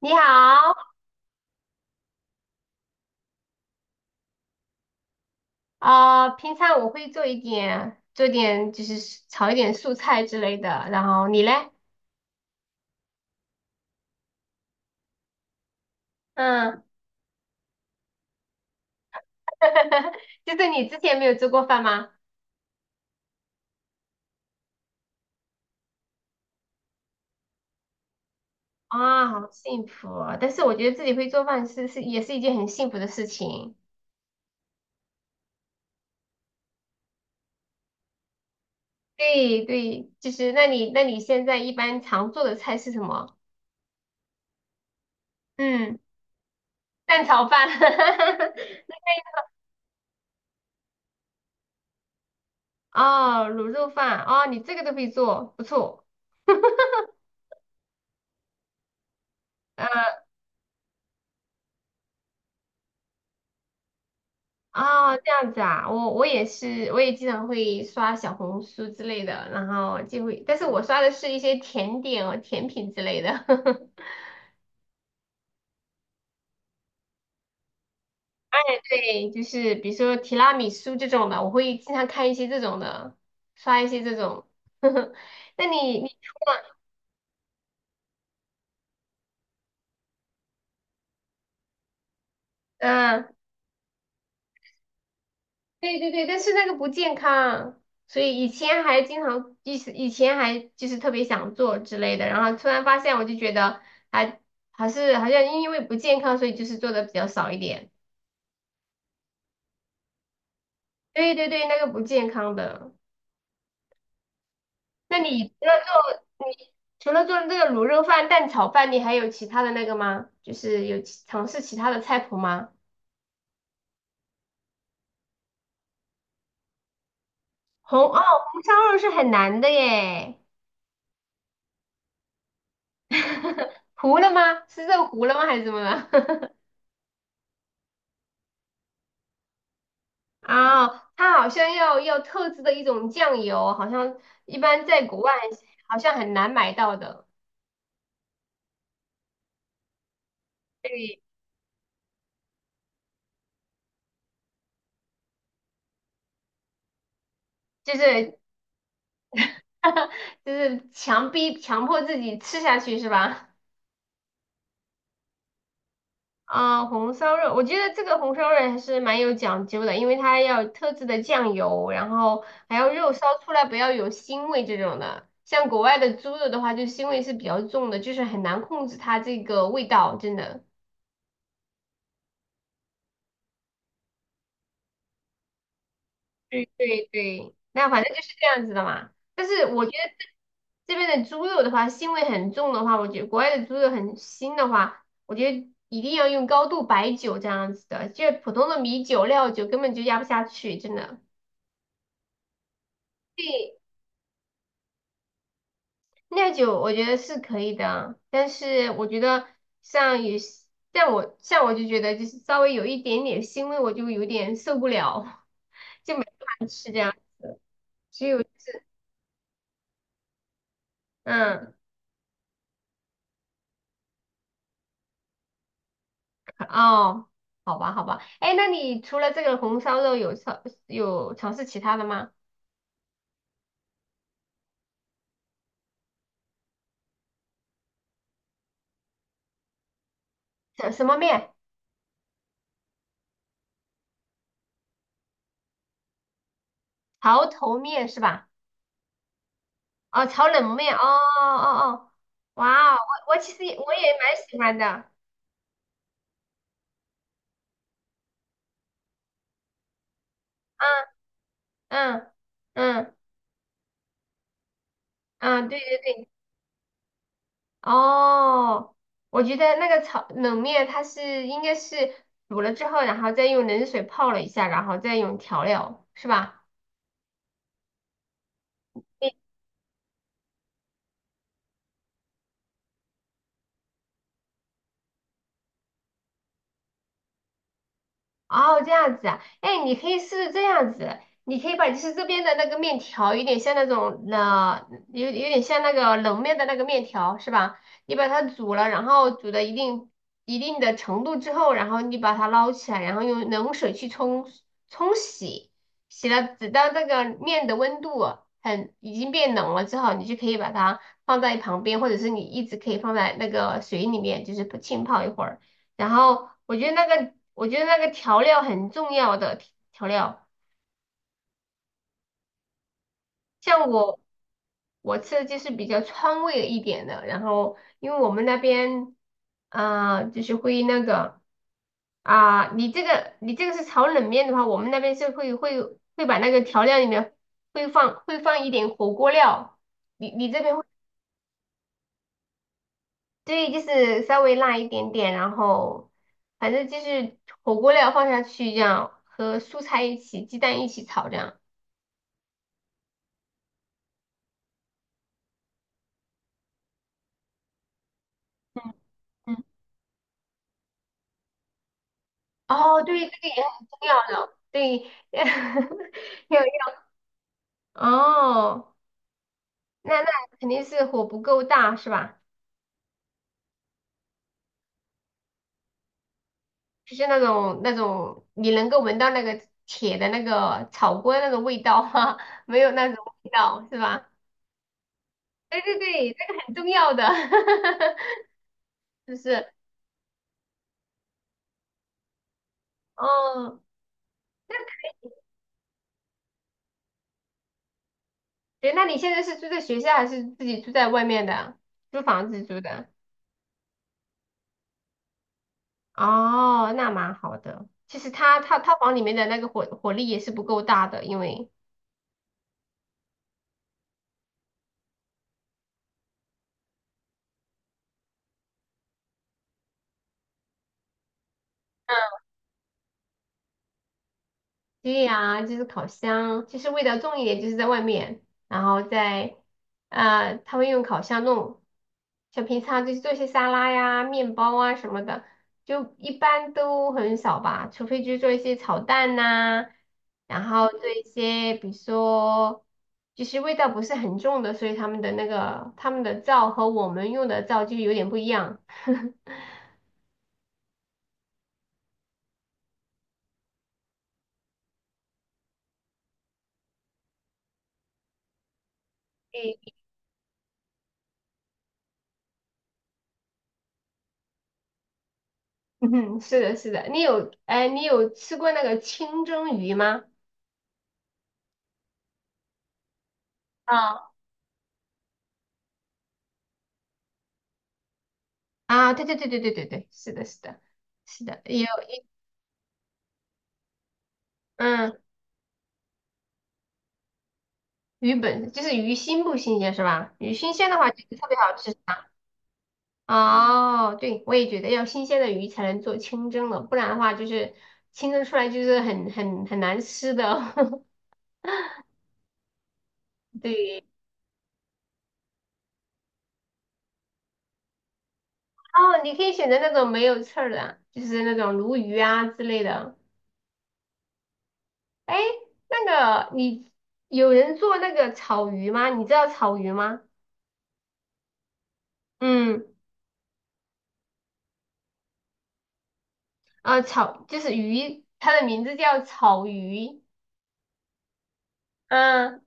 你好，啊，平常我会做一点，就是炒一点素菜之类的。然后你嘞？嗯，就是你之前没有做过饭吗？啊，好幸福啊，但是我觉得自己会做饭也是一件很幸福的事情。对对，那你现在一般常做的菜是什么？嗯，蛋炒饭。哦，卤肉饭。哦，你这个都会做，不错。哦，这样子啊，我也是，我也经常会刷小红书之类的，然后就会，但是我刷的是一些甜点哦，甜品之类的。对，就是比如说提拉米苏这种的，我会经常看一些这种的，刷一些这种。那你嗯，对对对，但是那个不健康，所以以前还经常，以前还就是特别想做之类的，然后突然发现，我就觉得还还是好像因为不健康，所以就是做的比较少一点。对对对，那个不健康的。那你除了做你除了做这个卤肉饭、蛋炒饭，你还有其他的那个吗？就是尝试其他的菜谱吗？红哦，红烧肉是很难的耶。糊了吗？是肉糊了吗？还是怎么了？啊，它好像要特制的一种酱油，好像一般在国外好像很难买到的。对，就是就是强逼强迫自己吃下去是吧？啊、红烧肉，我觉得这个红烧肉还是蛮有讲究的，因为它要有特制的酱油，然后还要肉烧出来不要有腥味这种的。像国外的猪肉的话，就腥味是比较重的，就是很难控制它这个味道，真的。对对对，那反正就是这样子的嘛。但是我觉得这边的猪肉的话，腥味很重的话，我觉得国外的猪肉很腥的话，我觉得一定要用高度白酒这样子的，就是普通的米酒、料酒根本就压不下去，真的。对，酿酒我觉得是可以的啊，但是我觉得像有些，像我就觉得就是稍微有一点点腥味，我就有点受不了，就没办法吃这样。只有嗯，哦，好吧好吧，哎，那你除了这个红烧肉有尝试其他的吗？什什么面？潮头面是吧？哦，炒冷面，哦，哇哦，我其实也我也蛮喜欢的，嗯嗯嗯嗯，对对。哦，我觉得那个炒冷面它是应该是煮了之后，然后再用冷水泡了一下，然后再用调料，是吧？哦，这样子啊，哎，你可以试试这样子，你可以把就是这边的那个面条，有点像那种有点像那个冷面的那个面条是吧？你把它煮了，然后煮到一定的程度之后，然后你把它捞起来，然后用冷水冲洗，洗了直到那个面的温度很已经变冷了之后，你就可以把它放在旁边，或者是你一直可以放在那个水里面，就是不浸泡一会儿。然后我觉得那个调料很重要的调料，像我吃的就是比较川味一点的，然后因为我们那边啊、就是会那个啊、你这个是炒冷面的话，我们那边是会会把那个调料里面会放一点火锅料，你这边会对，就是稍微辣一点点，然后反正就是火锅料放下去这样，和蔬菜一起、鸡蛋一起炒这样。嗯，嗯。哦，对，这个也很重要的，对，有，哦，那肯定是火不够大是吧？就是那种你能够闻到那个铁的那个炒锅那个味道哈，没有那种味道是吧？对对对，这个很重要的，是不是？哦，对，那你现在是住在学校还是自己住在外面的？租房子住的？哦，那蛮好的。其实他它套房里面的那个火力也是不够大的，因为。对呀，就是烤箱，就是味道重一点，就是在外面，然后在呃，他会用烤箱弄，像平常就是做一些沙拉呀、面包啊什么的，就一般都很少吧，除非就是做一些炒蛋呐、然后做一些比如说就是味道不是很重的，所以他们的那个他们的灶和我们用的灶就有点不一样。对，嗯，是的，是的，哎，你有吃过那个清蒸鱼吗？啊，啊，对对对对对对对，是的，是的，是的，也有，嗯，就是鱼新不新鲜是吧？鱼新鲜的话就是特别好吃啊。哦，对，我也觉得要新鲜的鱼才能做清蒸的，不然的话就是清蒸出来就是很难吃的。对，哦，你可以选择那种没有刺儿的，就是那种鲈鱼啊之类的。哎，那个你有人做那个草鱼吗？你知道草鱼吗？嗯。啊，草就是鱼，它的名字叫草鱼。嗯，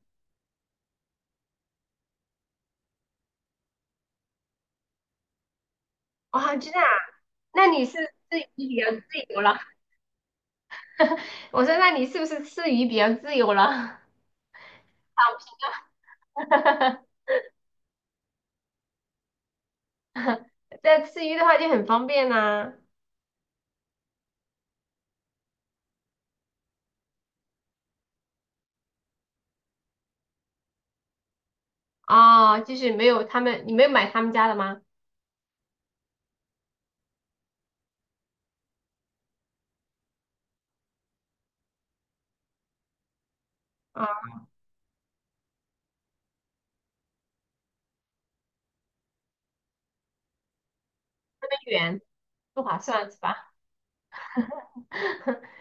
哇，知道啊？那你是吃鱼比较自由了？我说，那你是不是吃鱼比较自由了？在吃鱼的话就很方便呐、哦，就是没有他们，你没有买他们家的吗？啊，远不划算是吧？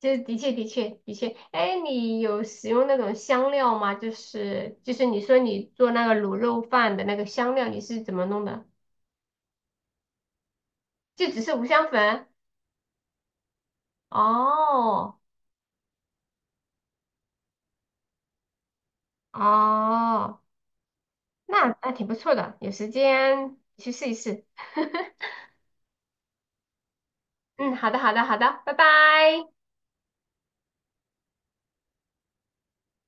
就是的确，哎，你有使用那种香料吗？就是你说你做那个卤肉饭的那个香料，你是怎么弄的？就只是五香粉？哦哦，那那挺不错的，有时间去试一试。嗯，好的好的好的，拜拜。